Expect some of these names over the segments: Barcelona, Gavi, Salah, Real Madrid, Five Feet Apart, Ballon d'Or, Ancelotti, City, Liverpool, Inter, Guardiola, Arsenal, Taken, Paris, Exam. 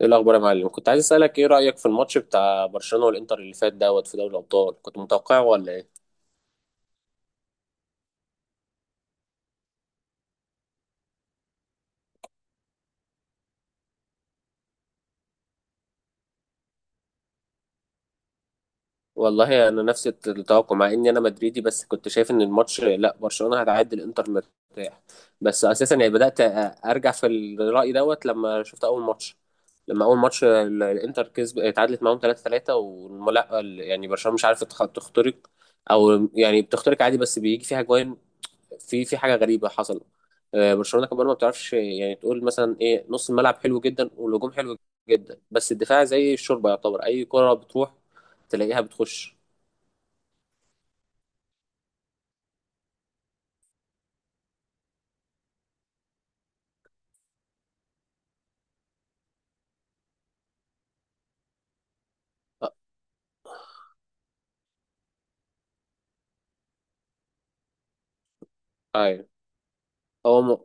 ايه الاخبار يا معلم؟ كنت عايز اسالك، ايه رايك في الماتش بتاع برشلونه والانتر اللي فات في دوري الابطال؟ كنت متوقعه ولا ايه؟ والله انا نفس التوقع، مع اني انا مدريدي، بس كنت شايف ان الماتش، لا، برشلونه هتعدي الانتر مرتاح. بس اساسا يعني بدات ارجع في الراي لما شفت اول ماتش. لما اول ماتش الانتر كسب، اتعادلت معاهم 3-3، ولا يعني برشلونه مش عارفه تخترق، او يعني بتخترق عادي بس بيجي فيها جوان. في حاجه غريبه حصلت. برشلونه كمان ما بتعرفش، يعني تقول مثلا ايه، نص الملعب حلو جدا والهجوم حلو جدا، بس الدفاع زي الشوربه، يعتبر اي كره بتروح تلاقيها بتخش. ايوه. هو م...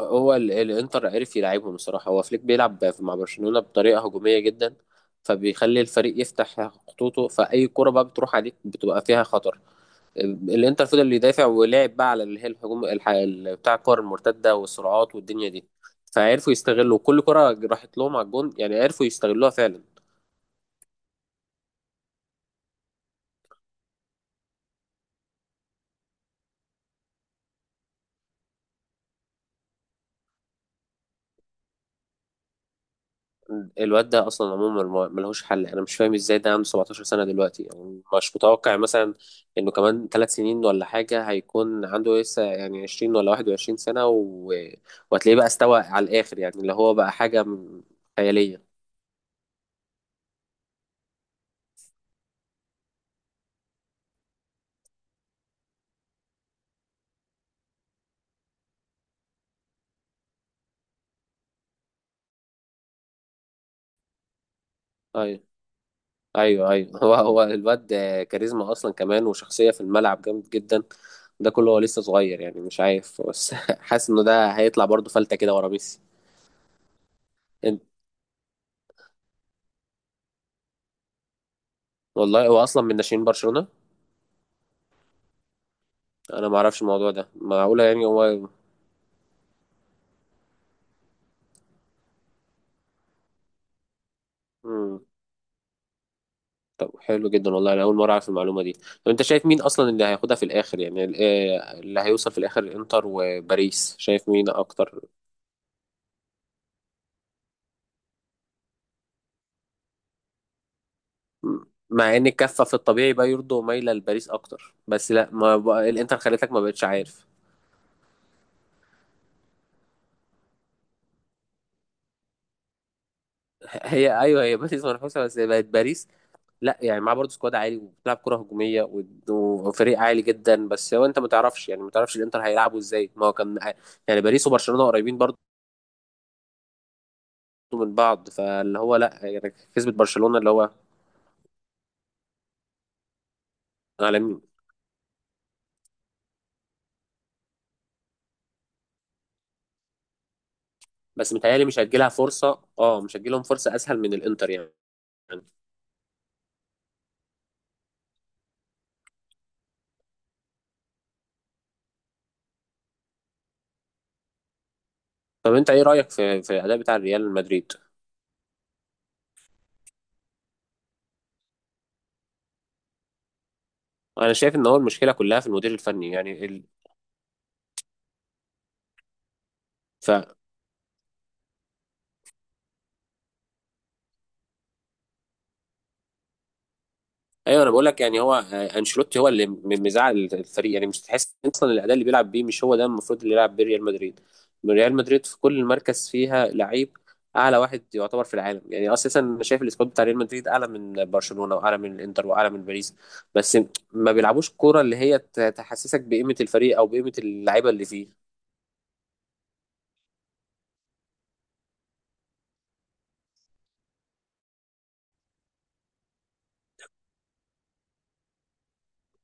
الانتر عرف يلعبهم الصراحه، هو فليك بيلعب مع برشلونه بطريقه هجوميه جدا، فبيخلي الفريق يفتح خطوطه، فاي كره بقى بتروح عليك بتبقى فيها خطر. الانتر فضل اللي يدافع ولعب بقى على اللي هي الهجوم، بتاع الكور المرتده والسرعات والدنيا دي. فعرفوا يستغلوا كل كره راحت لهم على الجون، يعني عرفوا يستغلوها فعلا. الواد ده اصلا عموما ملهوش حل، انا مش فاهم ازاي ده عنده 17 سنه دلوقتي. يعني مش متوقع مثلا انه كمان ثلاث سنين ولا حاجه هيكون عنده لسه، يعني 20 ولا 21 سنه وهتلاقيه بقى استوى على الاخر، يعني اللي هو بقى حاجه خياليه. ايوه، ايوه، ايوه، هو الواد كاريزما اصلا، كمان وشخصيه في الملعب جامد جدا. ده كله هو لسه صغير، يعني مش عارف بس حاسس انه ده هيطلع برضه فلته كده ورا ميسي. إن- والله هو اصلا من ناشئين برشلونه. انا ما اعرفش الموضوع ده، معقوله يعني هو. مم. طب حلو جدا، والله انا اول مره اعرف المعلومه دي. طب انت شايف مين اصلا اللي هياخدها في الاخر؟ يعني اللي هيوصل في الاخر، انتر وباريس، شايف مين اكتر؟ مم. مع ان الكفه في الطبيعي بقى يرضوا مايله لباريس اكتر، بس لا، ما بقى الانتر خليتك ما بقتش عارف. هي، ايوه، هي باريس منافسه، بس بقت باريس لا، يعني معاه برضه سكواد عالي وبتلعب كره هجوميه وفريق عالي جدا، بس هو انت ما تعرفش، يعني ما تعرفش الانتر هيلعبوا ازاي، ما هو كان يعني باريس وبرشلونه قريبين برضه من بعض، فاللي هو لا يعني كسبت برشلونه اللي هو عالمي. بس متهيألي مش هتجيلها فرصه، اه، مش هتجيلهم فرصه اسهل من الانتر يعني. طب انت ايه رايك في الاداء بتاع ريال مدريد؟ انا شايف ان هو المشكله كلها في المدير الفني يعني. ايوه، انا بقول لك يعني هو انشيلوتي هو اللي مزعل الفريق، يعني مش تحس اصلا الاداء اللي بيلعب بيه مش هو ده المفروض اللي يلعب بيه ريال مدريد. ريال مدريد في كل مركز فيها لعيب اعلى واحد يعتبر في العالم. يعني اساسا انا شايف السكواد بتاع ريال مدريد اعلى من برشلونه واعلى من الانتر واعلى من باريس، بس ما بيلعبوش كوره اللي هي تحسسك بقيمه الفريق او بقيمه اللعيبه اللي فيه.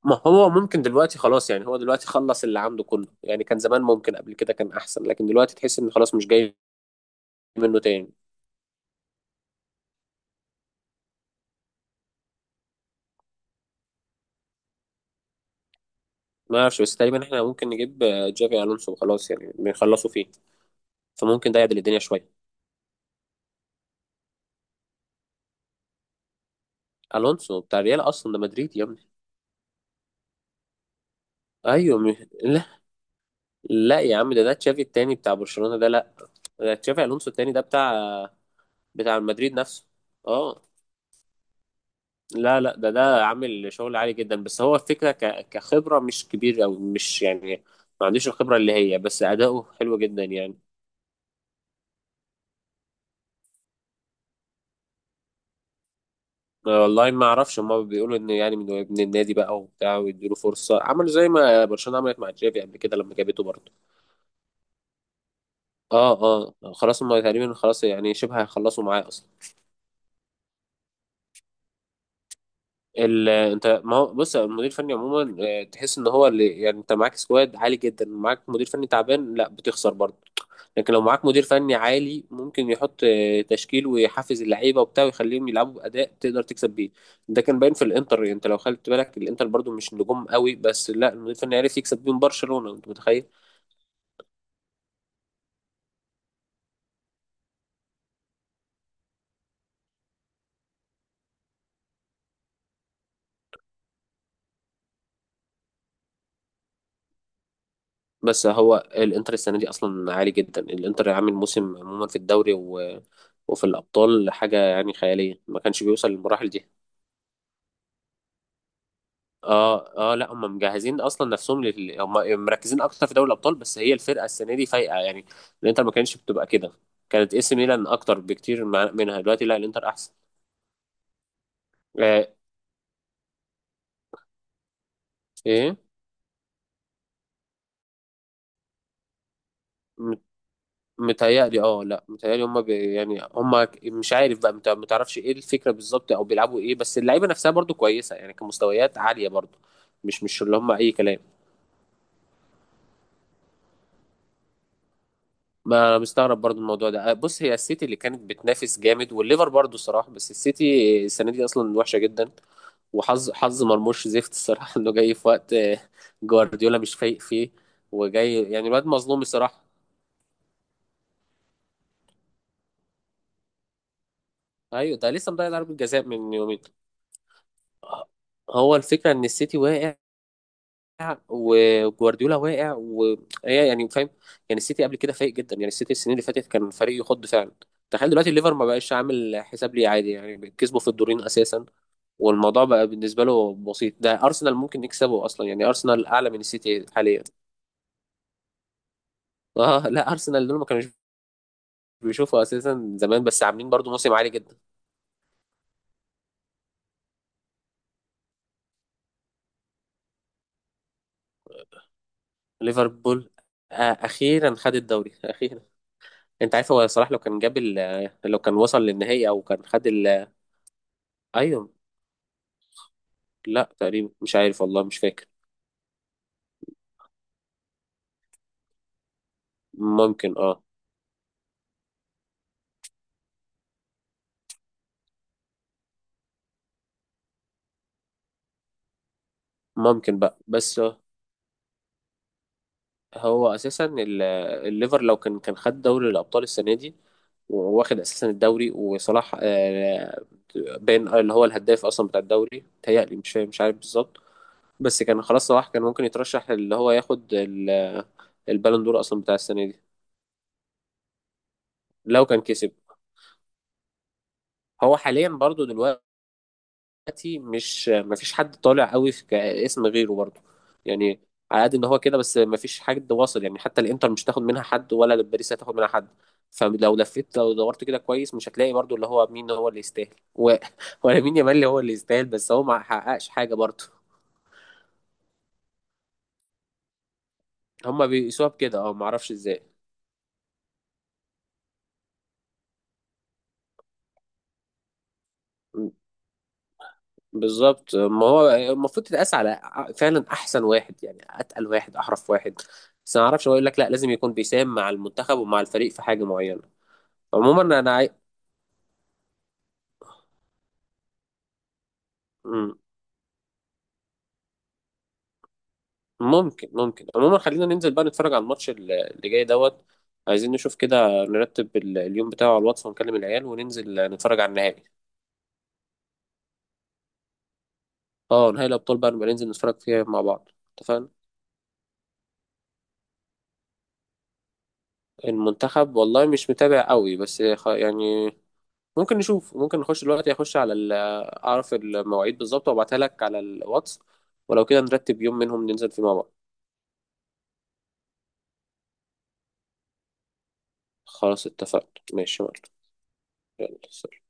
ما هو ممكن دلوقتي خلاص، يعني هو دلوقتي خلص اللي عنده كله، يعني كان زمان ممكن قبل كده كان احسن، لكن دلوقتي تحس ان خلاص مش جاي منه تاني. ما اعرفش، بس تقريبا احنا ممكن نجيب جافي الونسو وخلاص، يعني بنخلصوا فيه، فممكن ده يعدل الدنيا شويه. الونسو بتاع الريال اصلا، ده مدريد يا ابني. ايوه. لا، لا يا عم، ده تشافي التاني بتاع برشلونه ده، لا، ده تشافي الونسو التاني، ده بتاع مدريد نفسه. اه، لا، لا، ده عامل شغل عالي جدا، بس هو الفكره كخبره مش كبير او مش يعني ما عندوش الخبره اللي هي، بس اداؤه حلو جدا يعني. أنا والله ما اعرفش، هما بيقولوا ان يعني من ابن النادي بقى وبتاع ويديله فرصه، عملوا زي ما برشلونه عملت مع جافي قبل كده لما جابته برضه. اه، اه، خلاص، هما تقريبا خلاص يعني شبه هيخلصوا معاه اصلا. انت ما هو بص، المدير الفني عموما تحس ان هو اللي يعني انت معاك سكواد عالي جدا، معاك مدير فني تعبان لا بتخسر برضه، لكن لو معاك مدير فني عالي، ممكن يحط تشكيل، ويحفز اللعيبه وبتاع ويخليهم يلعبوا باداء تقدر تكسب بيه. ده كان باين في الانتر، يعني انت لو خدت بالك، الانتر برضه مش نجوم قوي، بس لا المدير الفني عرف يكسب بيهم برشلونه، انت متخيل؟ بس هو الانتر السنه دي اصلا عالي جدا، الانتر عامل موسم عموما في الدوري وفي الابطال حاجه يعني خياليه، ما كانش بيوصل للمراحل دي. اه، اه، لا، هم مجهزين اصلا نفسهم هم مركزين اكتر في دوري الابطال، بس هي الفرقه السنه دي فايقه، يعني الانتر ما كانتش بتبقى كده، كانت اي سي ميلان اكتر بكتير منها دلوقتي، لا الانتر احسن. آه ايه، م- متهيألي، اه، لا متهيألي هم يعني هم مش عارف بقى، ما تعرفش ايه الفكره بالظبط، او بيلعبوا ايه، بس اللعيبه نفسها برضو كويسه، يعني كمستويات عاليه برضو، مش اللي هم اي كلام. ما انا مستغرب برضو الموضوع ده. بص، هي السيتي اللي كانت بتنافس جامد والليفر برضو الصراحه، بس السيتي السنه دي اصلا وحشه جدا. وحظ مرموش زفت الصراحة، انه جاي في وقت جوارديولا مش فايق فيه، وجاي يعني الواد مظلوم الصراحة. ايوه، ده لسه مضيع ضربة جزاء من يومين. هو الفكرة ان السيتي واقع، وجوارديولا واقع، وهي يعني فاهم، يعني السيتي قبل كده فايق جدا، يعني السيتي السنين اللي فاتت كان فريق يخض فعلا. تخيل دلوقتي الليفر ما بقاش عامل حساب ليه عادي، يعني كسبوا في الدورين اساسا، والموضوع بقى بالنسبة له بسيط، ده ارسنال ممكن يكسبه اصلا، يعني ارسنال اعلى من السيتي حاليا. اه لا، ارسنال دول ما كانوش بيشوفوا اساسا زمان، بس عاملين برضو موسم عالي جدا. ليفربول اخيرا خد الدوري اخيرا. انت عارف، هو صلاح لو كان جاب لو كان وصل للنهائي او كان خد ايوه. لا تقريبا، مش عارف والله، مش فاكر. ممكن، اه، ممكن بقى، بس هو اساسا الليفر لو كان خد دوري الابطال السنه دي واخد اساسا الدوري، وصلاح بين اللي هو الهداف اصلا بتاع الدوري، تهيألي مش عارف بالظبط، بس كان خلاص، صلاح كان ممكن يترشح اللي هو ياخد البالون دور اصلا بتاع السنه دي، لو كان كسب. هو حاليا برضو دلوقتي، مش، مفيش حد طالع قوي في اسم غيره برضو، يعني على قد ان هو كده، بس مفيش حد واصل يعني، حتى الانتر مش هتاخد منها حد، ولا باريس هتاخد منها حد. فلو لفيت، لو دورت كده كويس، مش هتلاقي برضو اللي هو مين هو اللي يستاهل ولا مين، يامال اللي هو اللي يستاهل بس هو ما حققش حاجه برضو. هما بيقيسوها بكده، اه معرفش ازاي بالظبط، ما هو المفروض تتقاس على فعلا احسن واحد، يعني اتقل واحد احرف واحد، بس ما اعرفش، هو يقول لك لا، لازم يكون بيساهم مع المنتخب ومع الفريق في حاجه معينه. عموما انا مم. ممكن عموما خلينا ننزل بقى نتفرج على الماتش اللي جاي عايزين نشوف كده، نرتب اليوم بتاعه على الواتس، ونكلم العيال وننزل نتفرج على النهائي. اه، نهائي الابطال بقى، نبقى ننزل نتفرج فيها مع بعض. اتفقنا. المنتخب والله مش متابع قوي، بس يعني ممكن نشوف، ممكن نخش دلوقتي، اخش على اعرف المواعيد بالظبط وابعتها لك على الواتس، ولو كده نرتب يوم منهم ننزل فيه مع بعض. خلاص اتفقنا، ماشي يا معلم. يلا، سلام.